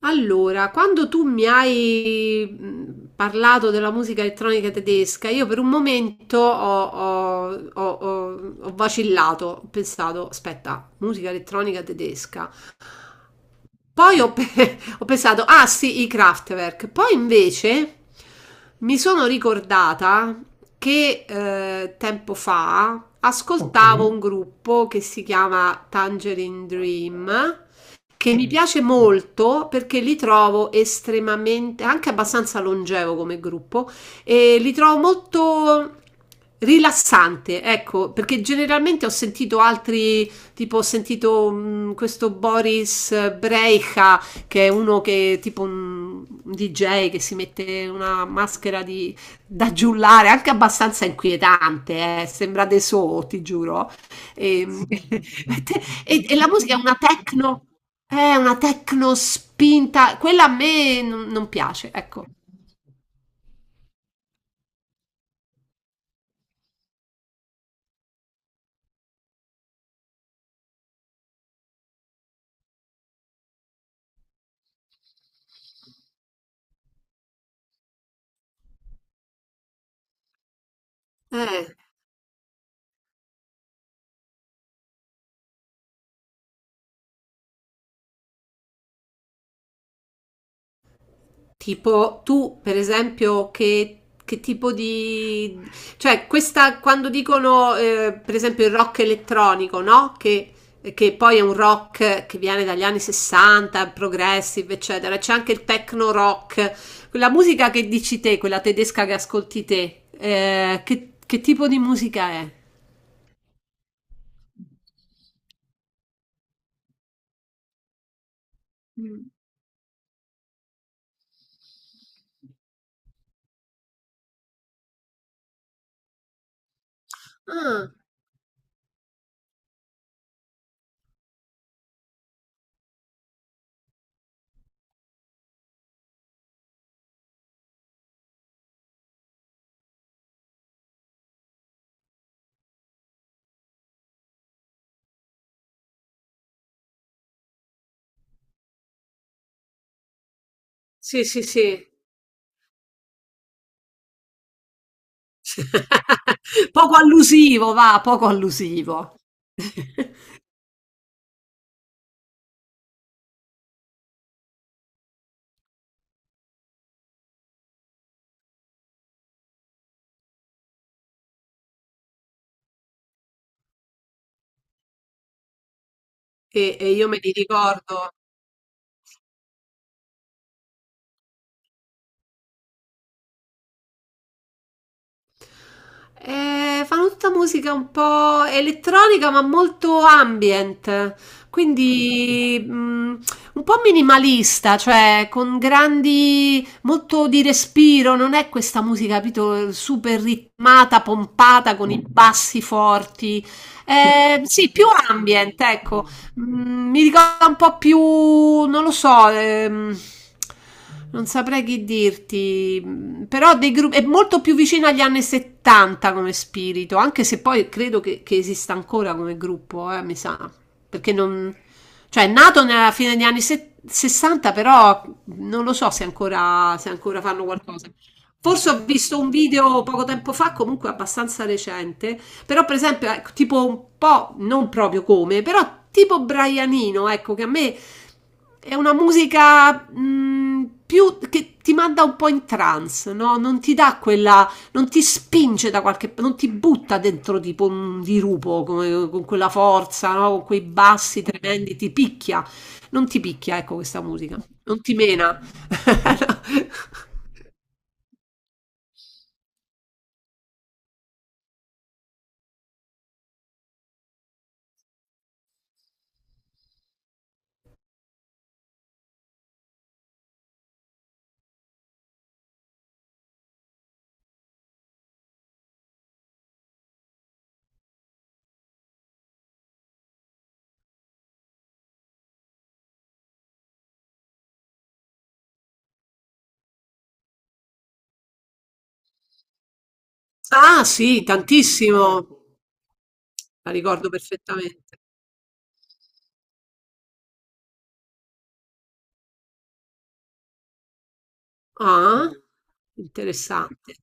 Allora, quando tu mi hai parlato della musica elettronica tedesca, io per un momento ho vacillato, ho pensato, aspetta, musica elettronica tedesca. Poi ho pensato, ah sì, i Kraftwerk. Poi invece mi sono ricordata che tempo fa. Ok. Ascoltavo un gruppo che si chiama Tangerine Dream, che mi piace molto perché li trovo estremamente, anche abbastanza longevo come gruppo, e li trovo molto rilassante, ecco, perché generalmente ho sentito altri, tipo ho sentito questo Boris Brejcha, che è uno che è tipo un DJ che si mette una maschera di, da giullare, anche abbastanza inquietante, sembra De So, ti giuro. E, e la musica è una techno, è una techno spinta, quella a me non piace, ecco. Eh, tipo tu, per esempio, che tipo di... Cioè, questa, quando dicono, per esempio, il rock elettronico, no? Che poi è un rock che viene dagli anni 60, progressive, eccetera. C'è anche il techno rock, quella musica che dici te, quella tedesca che ascolti te, che tipo di musica è? Ah, sì, sì, sì. Poco allusivo va, poco allusivo. E io me li ricordo. Fanno tutta musica un po' elettronica, ma molto ambient, quindi, un po' minimalista, cioè con grandi molto di respiro, non è questa musica, capito, super ritmata, pompata, con i bassi forti. Sì, più ambient, ecco. Mm, mi ricorda un po' più, non lo so, non saprei che dirti, però dei gruppi, è molto più vicino agli anni 70 come spirito, anche se poi credo che esista ancora come gruppo, mi sa, perché non, cioè è nato nella fine degli anni se- 60, però non lo so se ancora, se ancora fanno qualcosa. Forse ho visto un video poco tempo fa, comunque abbastanza recente, però, per esempio, ecco, tipo un po', non proprio come, però tipo Brianino, ecco, che a me è una musica più che ti manda un po' in trance, no? Non ti dà quella, non ti spinge da qualche, non ti butta dentro tipo un dirupo come- con quella forza, no? Con quei bassi tremendi, ti picchia. Non ti picchia, ecco, questa musica. Non ti mena. Ah, sì, tantissimo. La ricordo perfettamente. Ah, interessante.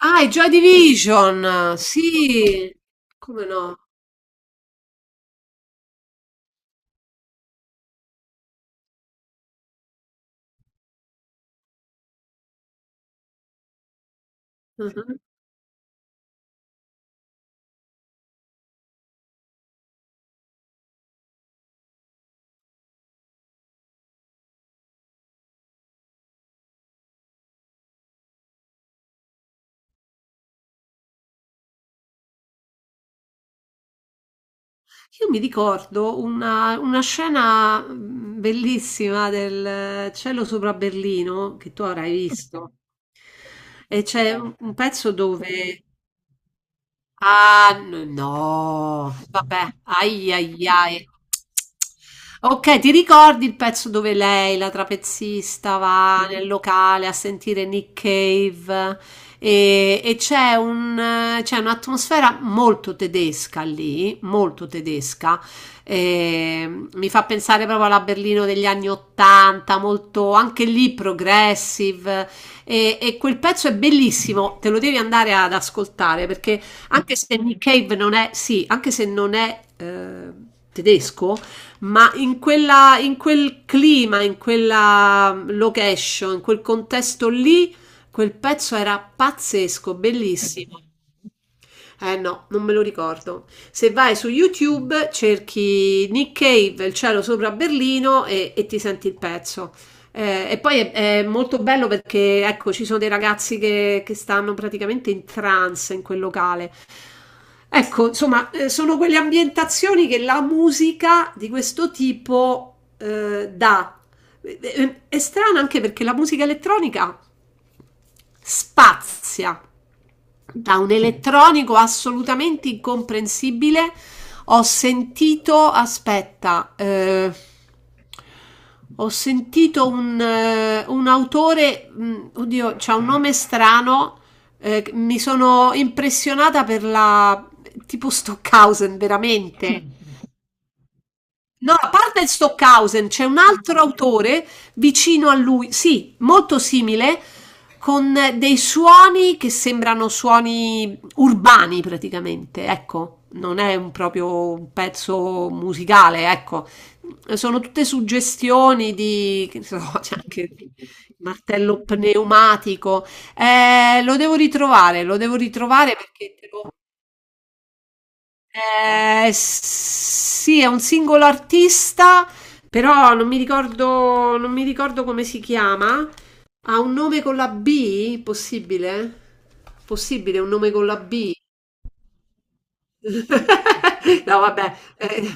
Ah, è Joy Division, sì, come no? Mhm. Io mi ricordo una scena bellissima del cielo sopra Berlino che tu avrai visto. E c'è un pezzo dove Ah, n- no, vabbè, ai ai ai. Ok, ti ricordi il pezzo dove lei, la trapezista, va nel locale a sentire Nick Cave e c'è un, c'è un'atmosfera molto tedesca lì, molto tedesca. Mi fa pensare proprio alla Berlino degli anni Ottanta, molto anche lì progressive. E quel pezzo è bellissimo, te lo devi andare ad ascoltare perché anche se Nick Cave non è, sì, anche se non è tedesco, ma in, quella, in quel clima, in quella location, in quel contesto lì, quel pezzo era pazzesco, bellissimo. Eh no, non me lo ricordo. Se vai su YouTube cerchi Nick Cave, il cielo sopra Berlino e ti senti il pezzo. E poi è molto bello perché ecco, ci sono dei ragazzi che stanno praticamente in trance in quel locale. Ecco, insomma, sono quelle ambientazioni che la musica di questo tipo dà. È strano anche perché la musica elettronica spazia, da un elettronico assolutamente incomprensibile. Ho sentito, aspetta, ho sentito un autore, oddio, c'ha un nome strano, mi sono impressionata per la, tipo Stockhausen, veramente. No, a parte Stockhausen, c'è un altro autore vicino a lui, sì, molto simile, con dei suoni che sembrano suoni urbani praticamente, ecco, non è un proprio un pezzo musicale, ecco, sono tutte suggestioni di, che ne so, c'è anche il martello pneumatico. Lo devo ritrovare perché te lo sì, è un singolo artista, però non mi ricordo come si chiama. Ha un nome con la B? Possibile? Possibile un nome con la B? No, vabbè.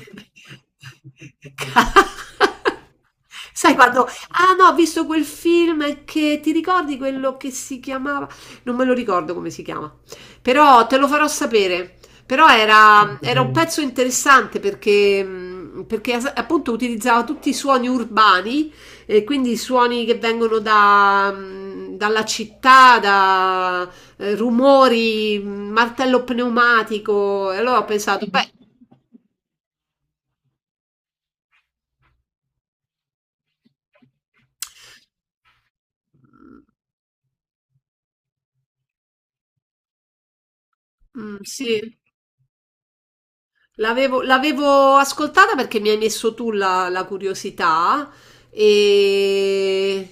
Sai quando... Ah no, ho visto quel film che ti ricordi quello che si chiamava? Non me lo ricordo come si chiama, però te lo farò sapere. Però era un Mm. pezzo interessante perché, perché as- appunto utilizzava tutti i suoni urbani e quindi i suoni che vengono da, dalla città, da rumori, martello pneumatico. E allora ho pensato, beh, mm, sì. L'avevo ascoltata perché mi hai messo tu la curiosità e...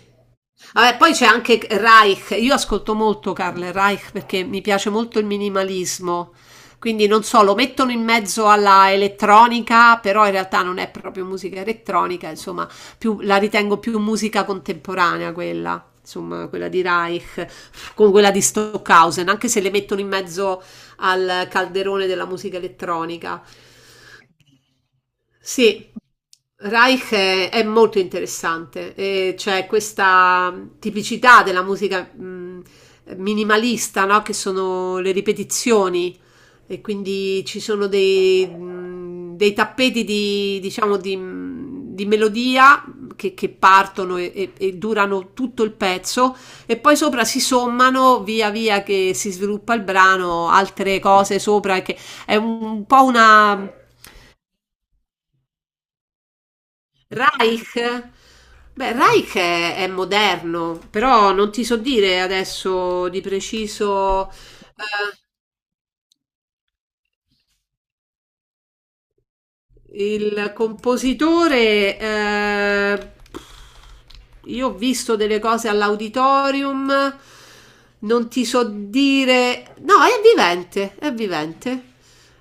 Vabbè, poi c'è anche Reich, io ascolto molto Karl Reich perché mi piace molto il minimalismo, quindi non so, lo mettono in mezzo alla elettronica, però in realtà non è proprio musica elettronica, insomma, più- la ritengo più musica contemporanea quella, insomma, quella di Reich, con quella di Stockhausen, anche se le mettono in mezzo al calderone della musica elettronica. Sì, Reich è molto interessante, e c'è questa tipicità della musica minimalista, no? Che sono le ripetizioni e quindi ci sono dei, dei tappeti di, diciamo, di melodia che partono e durano tutto il pezzo e poi sopra si sommano via via che si sviluppa il brano, altre cose sopra, che è un po' una Reich? Beh, Reich è moderno, però non ti so dire adesso di preciso il compositore. Io ho visto delle cose all'auditorium, non ti so dire. No, è vivente, è vivente.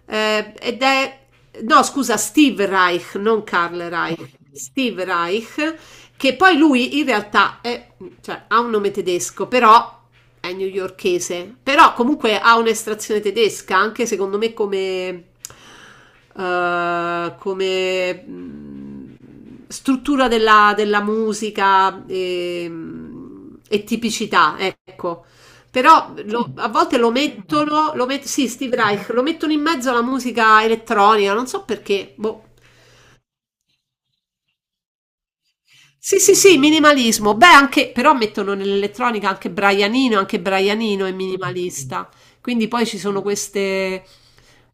Ed è. No, scusa, Steve Reich, non Karl Reich. Steve Reich che poi lui in realtà è, cioè, ha un nome tedesco, però è newyorchese, però comunque ha un'estrazione tedesca, anche secondo me come, come struttura della, della musica e tipicità, ecco. Però lo- a volte lo mettono, lo met- sì, Steve Reich, lo mettono in mezzo alla musica elettronica, non so perché, boh. Sì, sì, sì, minimalismo. Beh, anche, però mettono nell'elettronica anche Brianino è minimalista. Quindi poi ci sono queste,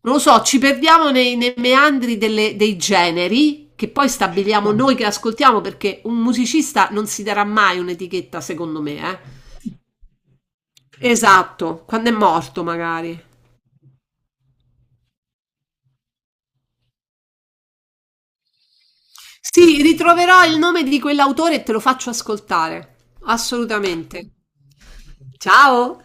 non lo so, ci perdiamo nei, nei meandri delle- dei generi che poi stabiliamo noi che ascoltiamo perché un musicista non si darà mai un'etichetta, secondo me, eh. Esatto, quando è morto magari. Sì, ritroverò il nome di quell'autore e te lo faccio ascoltare. Assolutamente. Ciao!